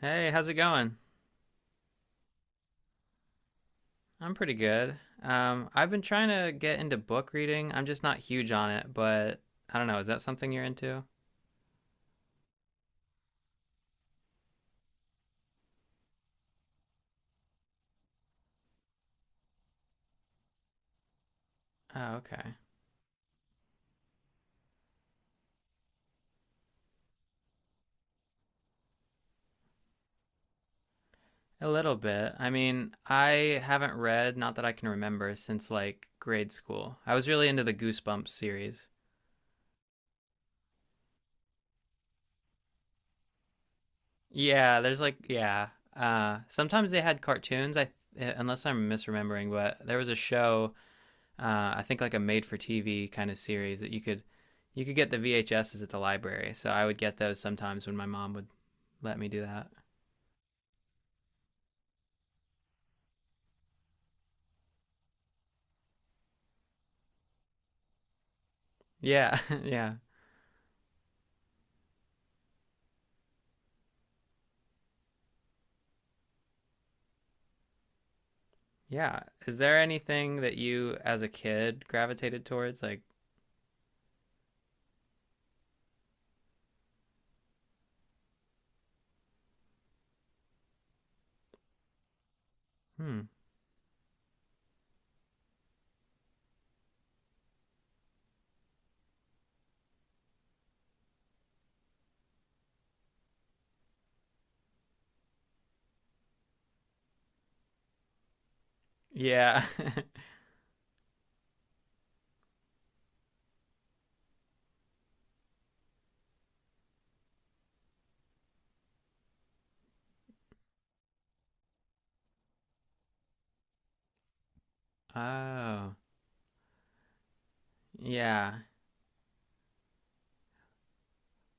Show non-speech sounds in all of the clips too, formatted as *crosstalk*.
Hey, how's it going? I'm pretty good. I've been trying to get into book reading. I'm just not huge on it, but I don't know. Is that something you're into? Oh, okay. A little bit. I mean, I haven't read, not that I can remember, since like grade school. I was really into the Goosebumps series. Yeah, there's like, yeah. Sometimes they had cartoons, I, unless I'm misremembering, but there was a show I think like a made for TV kind of series that you could get the VHSs at the library. So I would get those sometimes when my mom would let me do that. Yeah, *laughs* yeah. Yeah. Is there anything that you as a kid gravitated towards like hmm yeah. *laughs* oh. Yeah.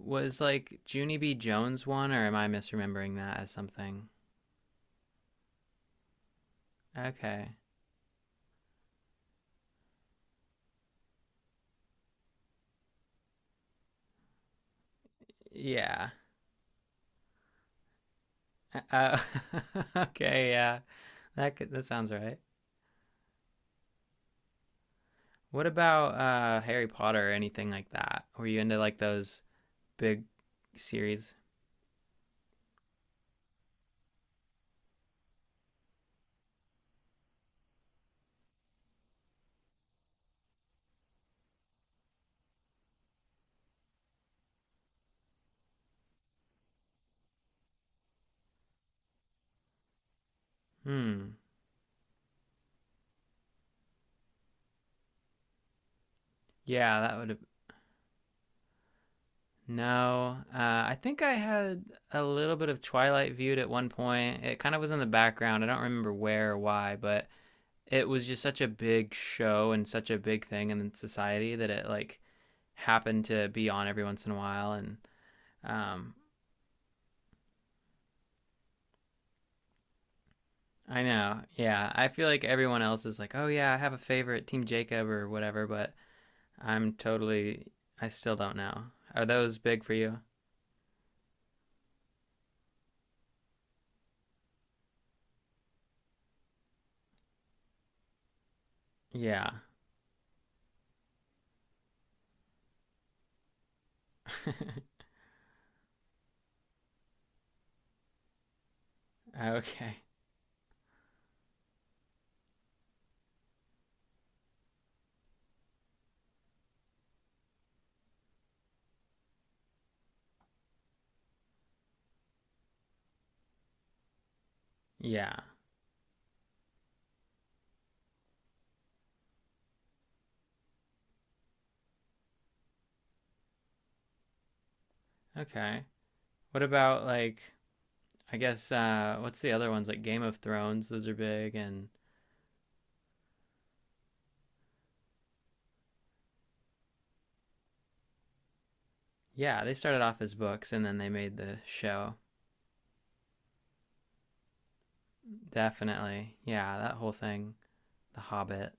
Was like Junie B Jones one or am I misremembering that as something? Okay. Yeah. Uh, *laughs* okay, yeah. That sounds right. What about Harry Potter or anything like that? Were you into like those big series? Hmm. Yeah, that would have. No, I think I had a little bit of Twilight viewed at one point. It kind of was in the background. I don't remember where or why, but it was just such a big show and such a big thing in society that it like happened to be on every once in a while. And um, I know, yeah, I feel like everyone else is like, oh yeah, I have a favorite, Team Jacob or whatever, but I'm totally. I still don't know. Are those big for you? Yeah. *laughs* okay. Yeah. Okay. What about like? I guess what's the other ones like Game of Thrones? Those are big and yeah, they started off as books and then they made the show. Definitely. Yeah, that whole thing. The Hobbit.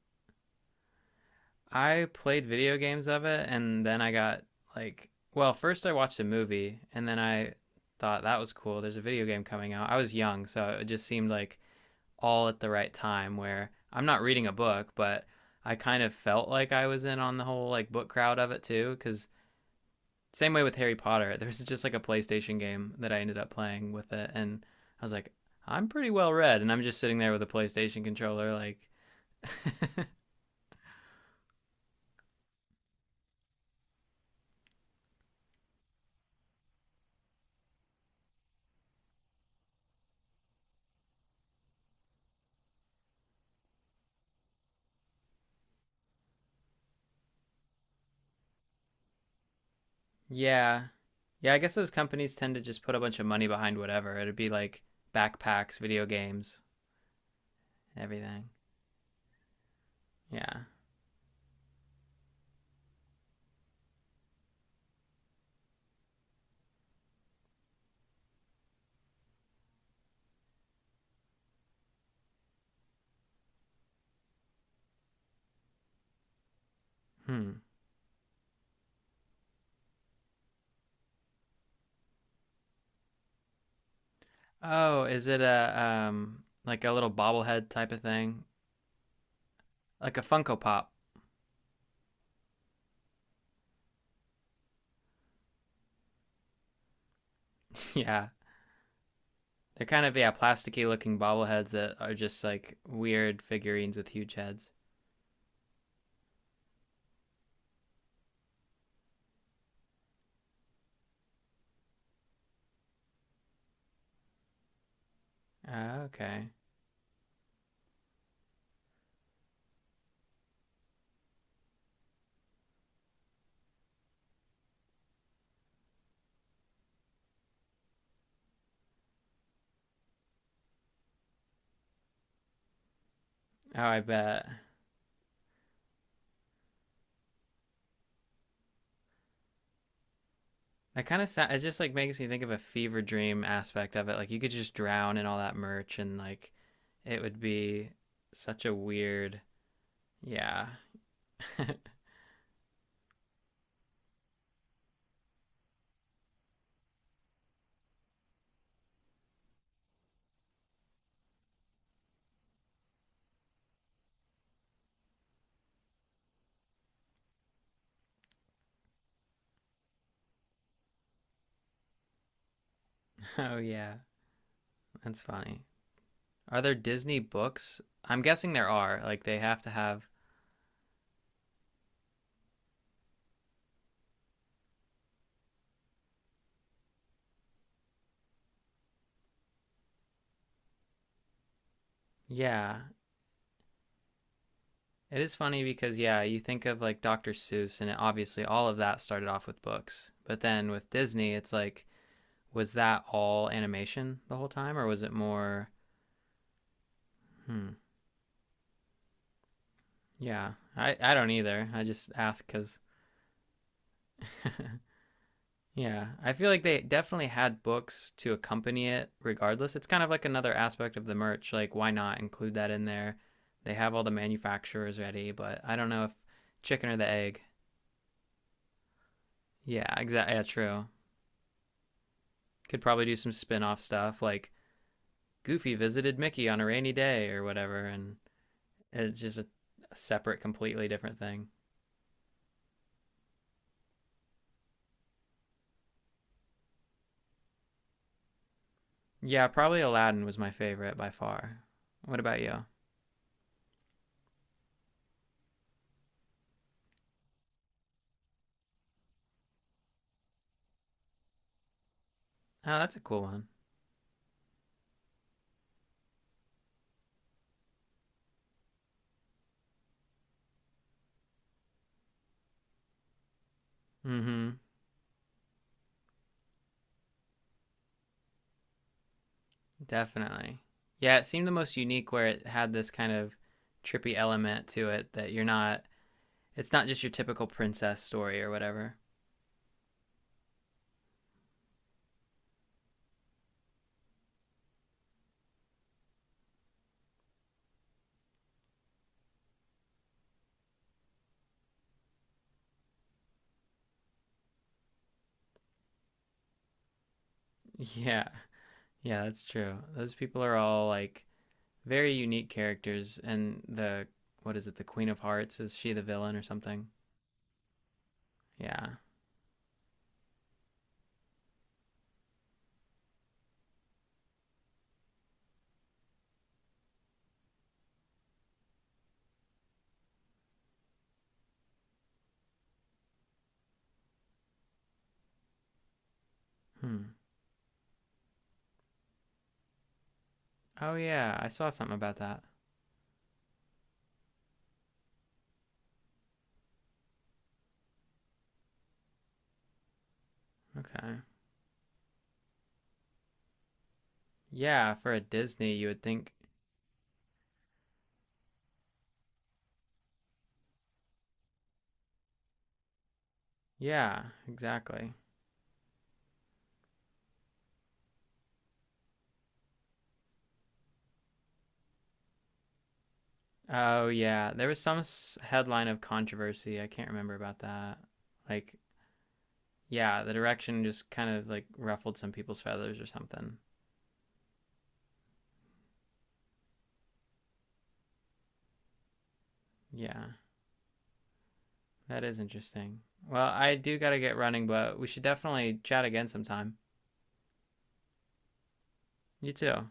I played video games of it and then I got like well, first I watched a movie and then I thought that was cool. There's a video game coming out. I was young, so it just seemed like all at the right time where I'm not reading a book, but I kind of felt like I was in on the whole like book crowd of it too cuz same way with Harry Potter, *laughs* there's just like a PlayStation game that I ended up playing with it and I was like I'm pretty well read and I'm just sitting there with a PlayStation controller like yeah. Yeah, I guess those companies tend to just put a bunch of money behind whatever. It'd be like backpacks, video games, everything. Yeah. Hmm. Oh, is it a like a little bobblehead type of thing? Like a Funko Pop. *laughs* Yeah, they're kind of yeah plasticky looking bobbleheads that are just like weird figurines with huge heads. Oh, okay. Oh, I bet that kind of sound. It just like makes me think of a fever dream aspect of it. Like you could just drown in all that merch and like it would be such a weird. Yeah. *laughs* oh yeah, that's funny. Are there Disney books? I'm guessing there are. Like they have to have. Yeah, it is funny because yeah, you think of like Dr. Seuss and it, obviously all of that started off with books. But then with Disney, it's like was that all animation the whole time or was it more hmm yeah, I don't either. I just ask cuz *laughs* yeah, I feel like they definitely had books to accompany it regardless. It's kind of like another aspect of the merch, like why not include that in there? They have all the manufacturers ready, but I don't know if chicken or the egg. Yeah, exactly. Yeah, true. Could probably do some spin off stuff like Goofy visited Mickey on a rainy day or whatever, and it's just a separate, completely different thing. Yeah, probably Aladdin was my favorite by far. What about you? Oh, that's a cool one. Mm hmm. Definitely. Yeah, it seemed the most unique where it had this kind of trippy element to it that you're not, it's not just your typical princess story or whatever. *laughs* Yeah. Yeah, that's true. Those people are all like very unique characters. And the what is it? The Queen of Hearts is she the villain or something? Yeah. Hmm. Oh yeah, I saw something about that. Okay. Yeah, for a Disney, you would think. Yeah, exactly. Oh yeah, there was some headline of controversy. I can't remember about that. Like, yeah, the direction just kind of like ruffled some people's feathers or something. Yeah, that is interesting. Well, I do gotta get running, but we should definitely chat again sometime. You too.